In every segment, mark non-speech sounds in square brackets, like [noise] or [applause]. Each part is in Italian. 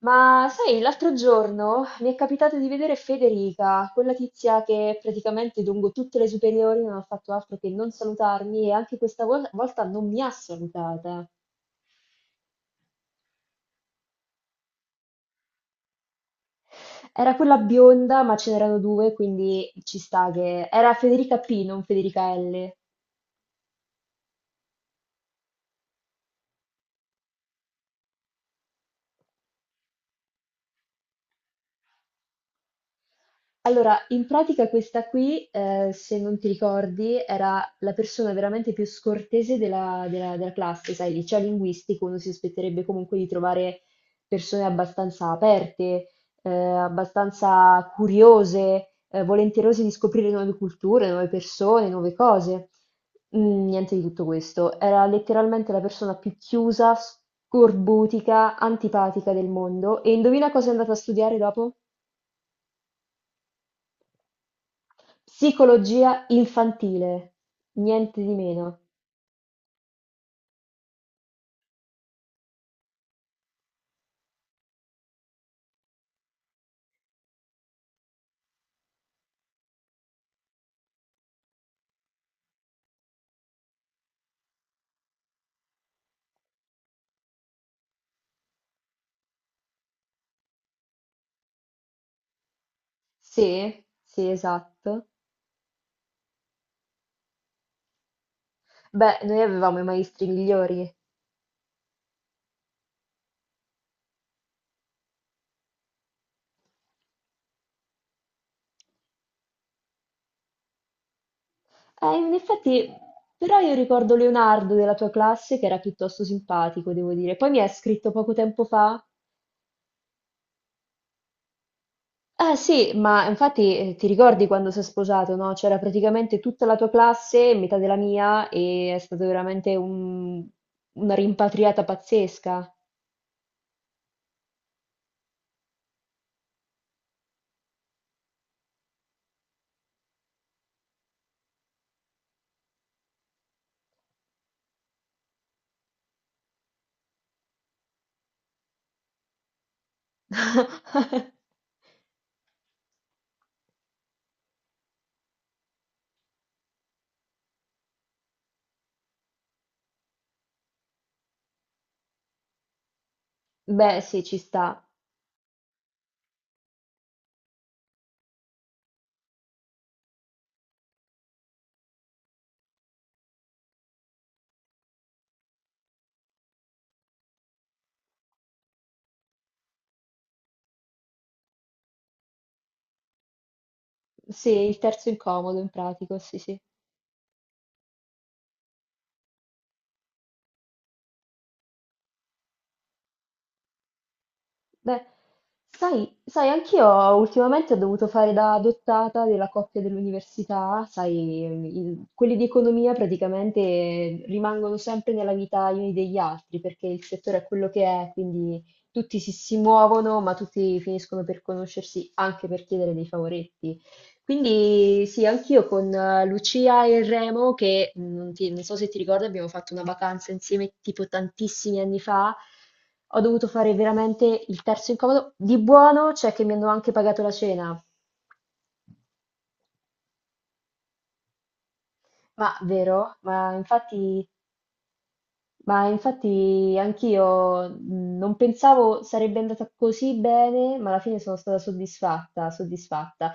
Ma sai, l'altro giorno mi è capitato di vedere Federica, quella tizia che praticamente lungo tutte le superiori non ha fatto altro che non salutarmi e anche questa volta non mi ha salutata. Era quella bionda, ma ce n'erano due, quindi ci sta che. Era Federica P, non Federica L. Allora, in pratica questa qui, se non ti ricordi, era la persona veramente più scortese della classe, sai, liceo linguistico, uno si aspetterebbe comunque di trovare persone abbastanza aperte, abbastanza curiose, volenterose di scoprire nuove culture, nuove persone, nuove cose. Niente di tutto questo. Era letteralmente la persona più chiusa, scorbutica, antipatica del mondo. E indovina cosa è andata a studiare dopo? Psicologia infantile, niente di meno. Sì, sì, esatto. Beh, noi avevamo i maestri migliori. In effetti, però io ricordo Leonardo della tua classe che era piuttosto simpatico, devo dire. Poi mi ha scritto poco tempo fa. Eh sì, ma infatti ti ricordi quando si è sposato, no? C'era praticamente tutta la tua classe, metà della mia, e è stata veramente una rimpatriata pazzesca. [laughs] Beh, sì, ci sta. Sì, il terzo incomodo in pratica, sì, sì. Beh, sai, anch'io ultimamente ho dovuto fare da adottata della coppia dell'università, sai, quelli di economia praticamente rimangono sempre nella vita gli uni degli altri, perché il settore è quello che è, quindi tutti si muovono, ma tutti finiscono per conoscersi anche per chiedere dei favoretti. Quindi sì, anch'io con Lucia e Remo, che non so se ti ricordi, abbiamo fatto una vacanza insieme tipo tantissimi anni fa, ho dovuto fare veramente il terzo incomodo. Di buono c'è che mi hanno anche pagato la cena. Ma vero? Ma infatti, anch'io non pensavo sarebbe andata così bene, ma alla fine sono stata soddisfatta, soddisfatta.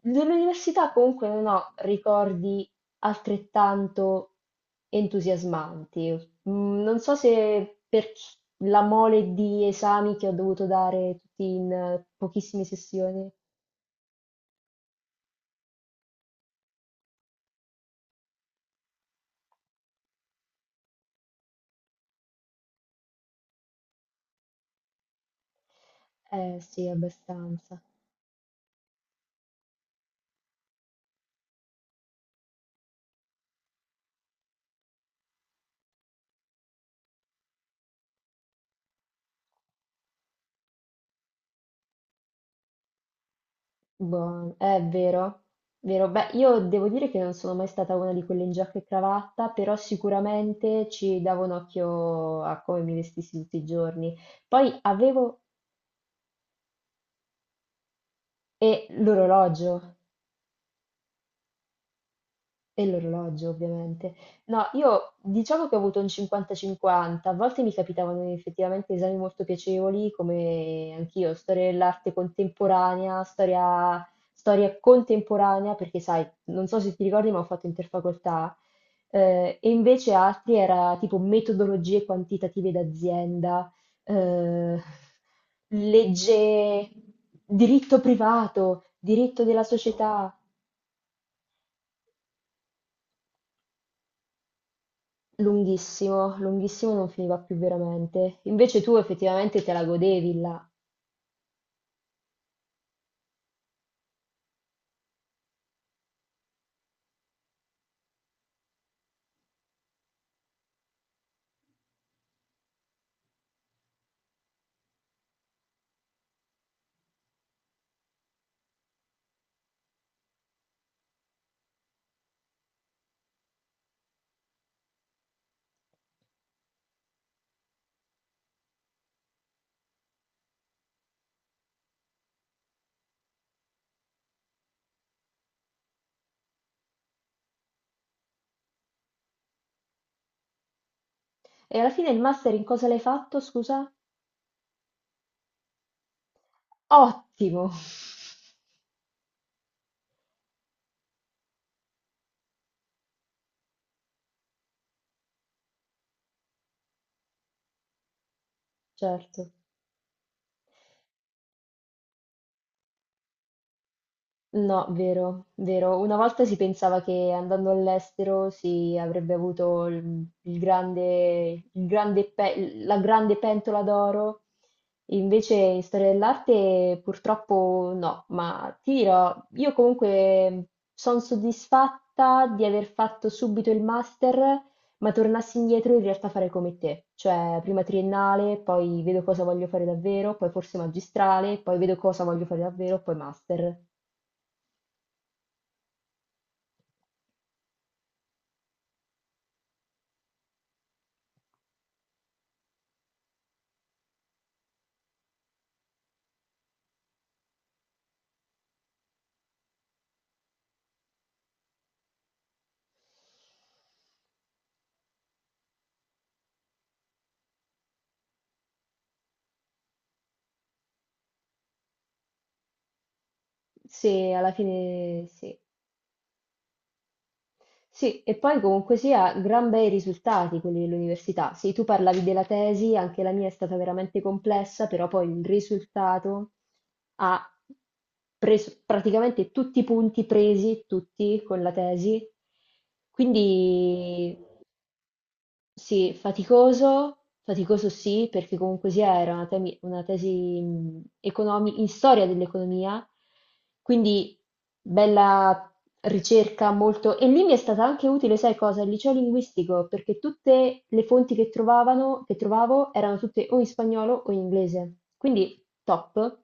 Dell'università comunque non ho ricordi altrettanto entusiasmanti. Non so se la mole di esami che ho dovuto dare tutti in pochissime sessioni. Eh sì, abbastanza. Buono, è vero, vero. Beh, io devo dire che non sono mai stata una di quelle in giacca e cravatta, però sicuramente ci davo un occhio a come mi vestissi tutti i giorni. Poi avevo e l'orologio. E l'orologio ovviamente. No, io diciamo che ho avuto un 50-50, a volte mi capitavano effettivamente esami molto piacevoli, come anch'io, storia dell'arte contemporanea, storia contemporanea, perché sai, non so se ti ricordi, ma ho fatto interfacoltà, e invece altri era tipo metodologie quantitative d'azienda, eh, legge, diritto privato, diritto della società. Lunghissimo, lunghissimo non finiva più veramente. Invece tu effettivamente te la godevi là. E alla fine il master in cosa l'hai fatto, scusa? Ottimo! [laughs] Certo. No, vero, vero. Una volta si pensava che andando all'estero si avrebbe avuto la grande pentola d'oro, invece in storia dell'arte purtroppo no, ma ti dirò, io comunque sono soddisfatta di aver fatto subito il master, ma tornassi indietro in realtà farei come te, cioè prima triennale, poi vedo cosa voglio fare davvero, poi forse magistrale, poi vedo cosa voglio fare davvero, poi master. Sì, alla fine sì. Sì, e poi comunque sia, gran bei risultati quelli dell'università. Sì, tu parlavi della tesi, anche la mia è stata veramente complessa, però poi il risultato ha preso praticamente tutti i punti presi, tutti con la tesi. Quindi, sì, faticoso, faticoso sì, perché comunque sia era una tesi in storia dell'economia, quindi bella ricerca molto. E lì mi è stata anche utile, sai cosa? Il liceo linguistico, perché tutte le fonti che trovavo erano tutte o in spagnolo o in inglese, quindi top.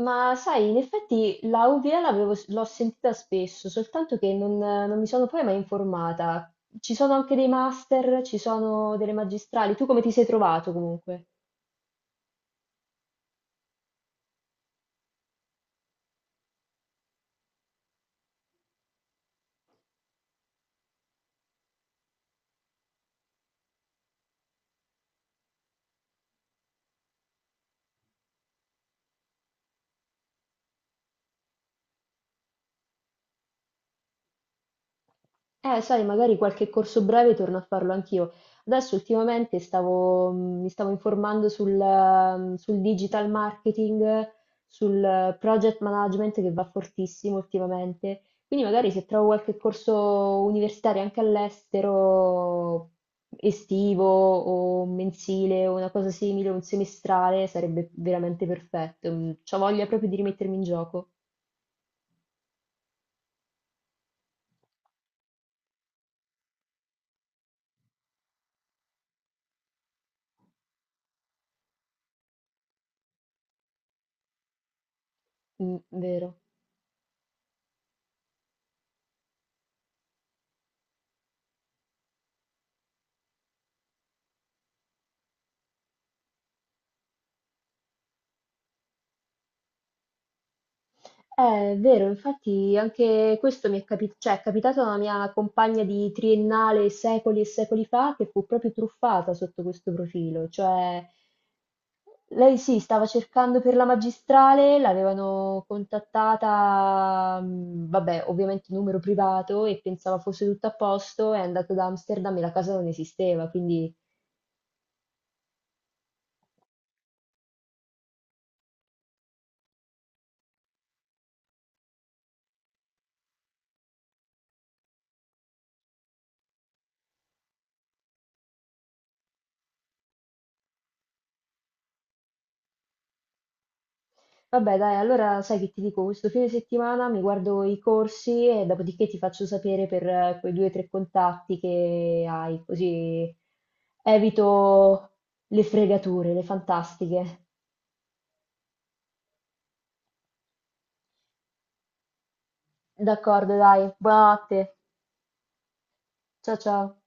Ma sai, in effetti la UVA l'ho sentita spesso, soltanto che non mi sono poi mai informata. Ci sono anche dei master, ci sono delle magistrali. Tu come ti sei trovato comunque? Sai, magari qualche corso breve torno a farlo anch'io. Adesso ultimamente mi stavo informando sul digital marketing, sul project management che va fortissimo ultimamente. Quindi magari se trovo qualche corso universitario anche all'estero, estivo o mensile o una cosa simile, un semestrale, sarebbe veramente perfetto. Ho voglia proprio di rimettermi in gioco. Mm, vero. È vero, infatti anche questo mi è cioè, è capitato a una mia compagna di triennale secoli e secoli fa che fu proprio truffata sotto questo profilo, cioè lei sì, stava cercando per la magistrale, l'avevano contattata, vabbè, ovviamente numero privato e pensava fosse tutto a posto, è andato da Amsterdam e la casa non esisteva, quindi. Vabbè, dai, allora sai che ti dico, questo fine settimana mi guardo i corsi e dopodiché ti faccio sapere per quei due o tre contatti che hai, così evito le fregature, le fantastiche. D'accordo, dai, buonanotte. Ciao ciao.